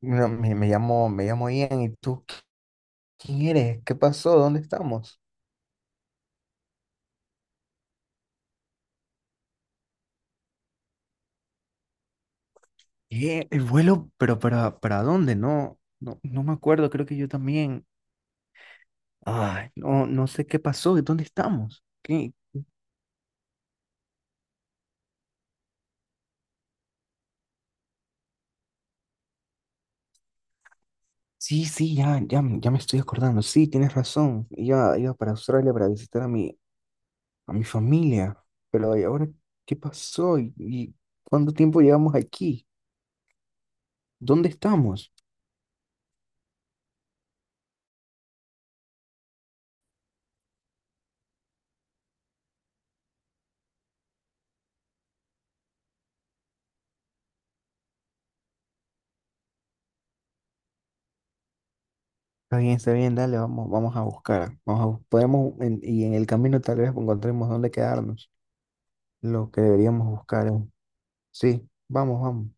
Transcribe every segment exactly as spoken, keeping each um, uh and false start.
No, Me, me llamo, me llamo Ian, ¿y tú quién eres? ¿Qué pasó? ¿Dónde estamos? Eh, el vuelo, pero para, ¿para dónde? No, no, no me acuerdo, creo que yo también. Ay, no, no sé qué pasó, ¿dónde estamos? ¿Qué? Sí, sí, ya, ya, me- ya me estoy acordando. Sí, tienes razón. Iba, iba para Australia para visitar a mi, a mi familia. Pero ¿y ahora qué pasó? ¿Y, y cuánto tiempo llevamos aquí? ¿Dónde estamos? Está bien, está bien, dale, vamos, vamos a buscar. Vamos a, bus- podemos, en- y en el camino tal vez encontremos dónde quedarnos. Lo que deberíamos buscar es- Sí, vamos, vamos.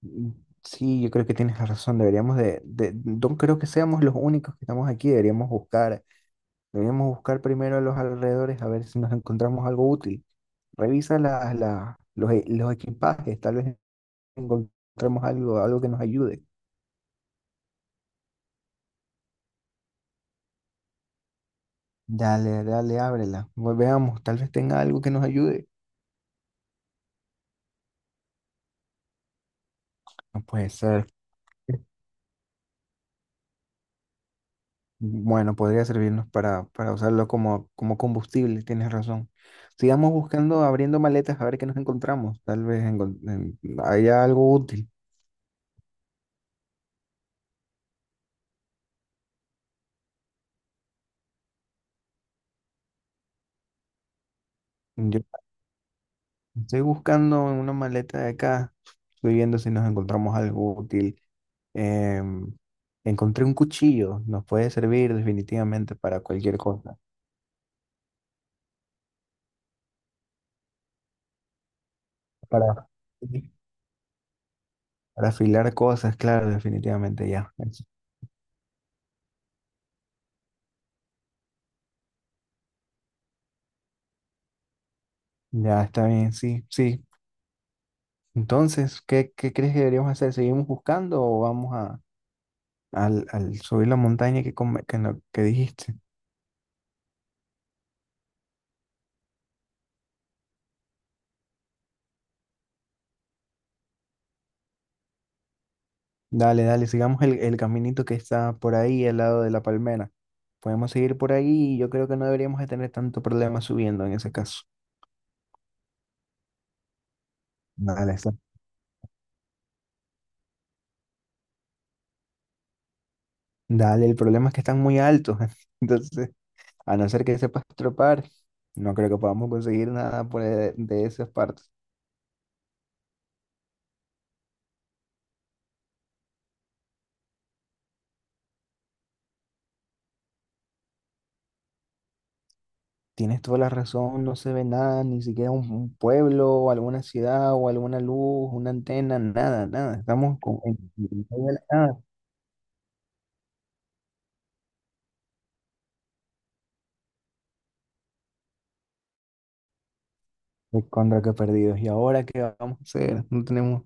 Mm, sí, yo creo que tienes la razón. Deberíamos de, de, no creo que seamos los únicos que estamos aquí. Deberíamos buscar, deberíamos buscar primero a los alrededores a ver si nos encontramos algo útil. Revisa las las- los, e- los equipajes, tal vez encontremos algo, algo que nos ayude. Dale, dale, ábrela. Ve- Veamos, tal vez tenga algo que nos ayude. No puede ser. Bueno, podría servirnos para, para usarlo como, como combustible, tienes razón. Sigamos buscando, abriendo maletas a ver qué nos encontramos. Tal vez encon- en- haya algo útil. Yo estoy buscando en una maleta de acá, estoy viendo si nos encontramos algo útil. Em, Encontré un cuchillo, nos puede servir definitivamente para cualquier cosa. Para, para afilar cosas, claro, definitivamente ya. Ya está bien, sí, sí. Entonces, ¿qué, qué crees que deberíamos hacer? ¿Seguimos buscando o vamos a, al, al subir la montaña que, come- que, no- que dijiste? Dale, dale, sigamos el, el caminito que está por ahí al lado de la palmera. Podemos seguir por ahí y yo creo que no deberíamos de tener tanto problema subiendo en ese caso. Dale, está- Dale, el problema es que están muy altos. Entonces, a no ser que sepas tropar, no creo que podamos conseguir nada por, e- de esas partes. Tienes toda la razón, no se ve nada, ni siquiera un, un pueblo o alguna ciudad o alguna luz, una antena, nada, nada. Estamos con, en- en medio de la nada, pues, contra que perdidos. ¿Y ahora qué vamos a hacer? No tenemos,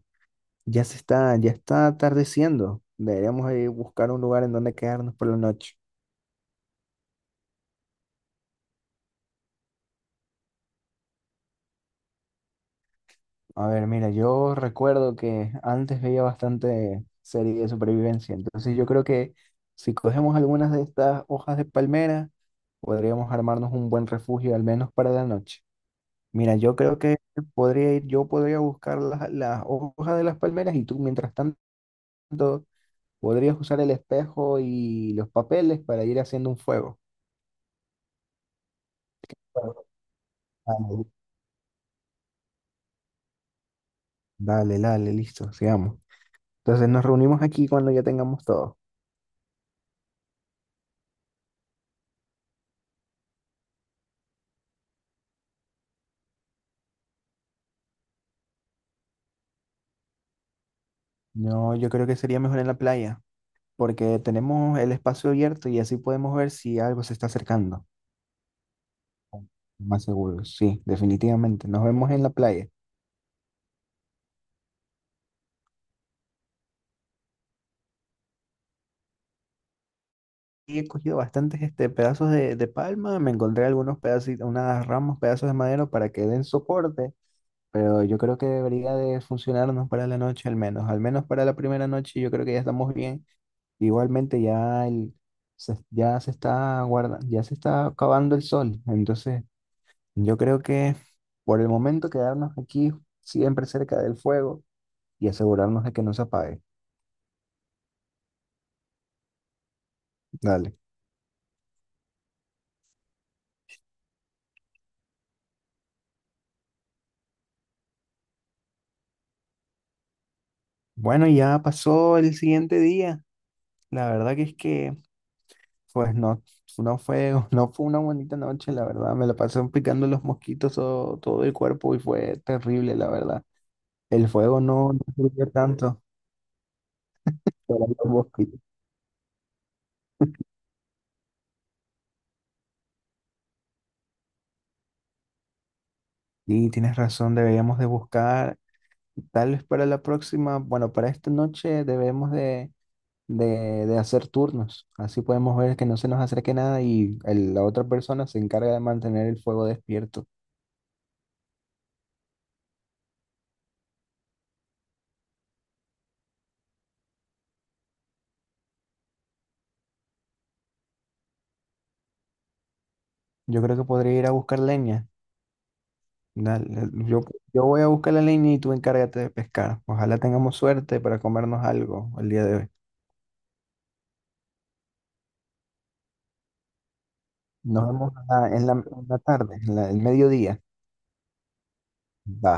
ya se está, ya está atardeciendo. Deberíamos ir a buscar un lugar en donde quedarnos por la noche. A ver, mira, yo recuerdo que antes veía bastante serie de supervivencia, entonces yo creo que si cogemos algunas de estas hojas de palmera, podríamos armarnos un buen refugio, al menos para la noche. Mira, yo creo que podría ir, yo podría buscar las, las hojas de las palmeras y tú, mientras tanto, podrías usar el espejo y los papeles para ir haciendo un fuego. Dale, dale, dale, listo, sigamos. Entonces nos reunimos aquí cuando ya tengamos todo. No, yo creo que sería mejor en la playa, porque tenemos el espacio abierto y así podemos ver si algo se está acercando. Más seguro, sí, definitivamente. Nos vemos en la playa. Y he cogido bastantes este, pedazos de, de palma, me encontré algunos pedacitos, unas ramas, pedazos de madera para que den soporte, pero yo creo que debería de funcionarnos para la noche al menos, al menos para la primera noche yo creo que ya estamos bien. Igualmente ya, el, se, ya se está guarda, ya se está acabando el sol, entonces yo creo que por el momento quedarnos aquí siempre cerca del fuego y asegurarnos de que no se apague. Dale. Bueno, ya pasó el siguiente día. La verdad que es que pues no, no fue, no fue una bonita noche, la verdad. Me la pasé picando los mosquitos todo, todo el cuerpo y fue terrible, la verdad. El fuego no, no sirvió tanto para los mosquitos. Y tienes razón, deberíamos de buscar, tal vez para la próxima, bueno, para esta noche debemos de, de, de hacer turnos. Así podemos ver que no se nos acerque nada y el- la otra persona se encarga de mantener el fuego despierto. Yo creo que podría ir a buscar leña. Dale, yo, yo voy a buscar la leña y tú encárgate de pescar. Ojalá tengamos suerte para comernos algo el día de hoy. Nos vemos en la, en la- en la tarde, en la- el mediodía. Va.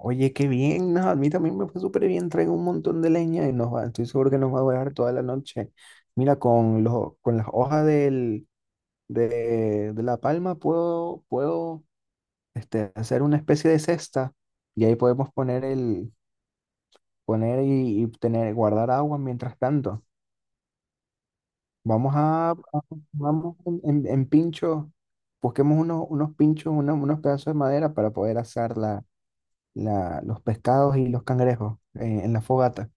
Oye, qué bien, no, a mí también me fue súper bien. Traigo un montón de leña y nos va, estoy seguro que nos va a durar toda la noche. Mira, con, los con las hojas del, de, de la palma puedo, puedo este, hacer una especie de cesta y ahí podemos poner, el, poner y, y tener, guardar agua mientras tanto. Vamos a, a- vamos en, en- en pinchos, busquemos unos, unos pinchos, unos, unos pedazos de madera para poder asar la, la- los pescados y los cangrejos eh, en la fogata.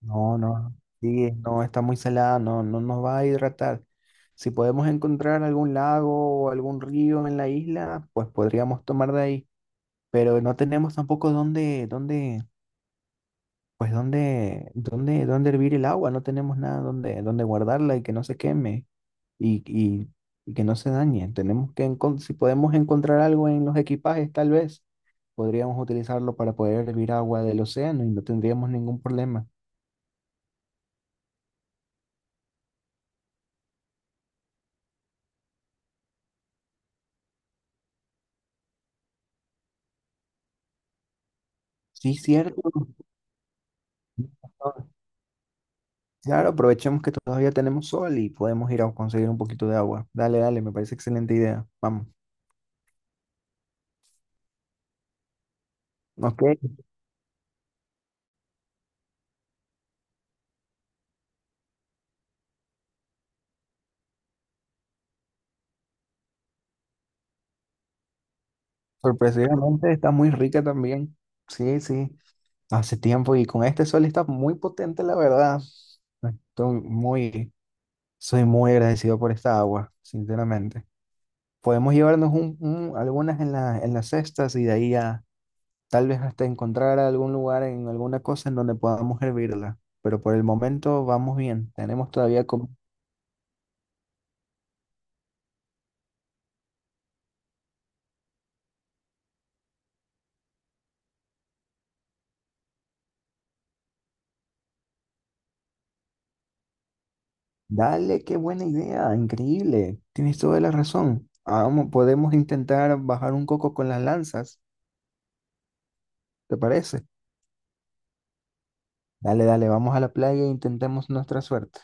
No, no, sí, no, está muy salada, no, no nos va a hidratar. Si podemos encontrar algún lago o algún río en la isla, pues podríamos tomar de ahí, pero no tenemos tampoco dónde, dónde, pues dónde, dónde, dónde hervir el agua, no tenemos nada donde, donde guardarla y que no se queme. y, y- y que no se dañe. Tenemos que, encon- si podemos encontrar algo en los equipajes, tal vez podríamos utilizarlo para poder hervir agua del océano y no tendríamos ningún problema. Sí, cierto. Claro, aprovechemos que todavía tenemos sol y podemos ir a conseguir un poquito de agua. Dale, dale, me parece excelente idea. Vamos. Ok, sorpresivamente está muy rica también. Sí, sí, hace tiempo y con este sol está muy potente, la verdad. Estoy muy, soy muy agradecido por esta agua, sinceramente. Podemos llevarnos un- un- algunas en la- en las cestas y de ahí a tal vez hasta encontrar algún lugar en alguna cosa en donde podamos hervirla. Pero por el momento vamos bien. Tenemos todavía como... Dale, qué buena idea, increíble. Tienes toda la razón. Vamos, podemos intentar bajar un coco con las lanzas, ¿te parece? Dale, dale, vamos a la playa e intentemos nuestra suerte.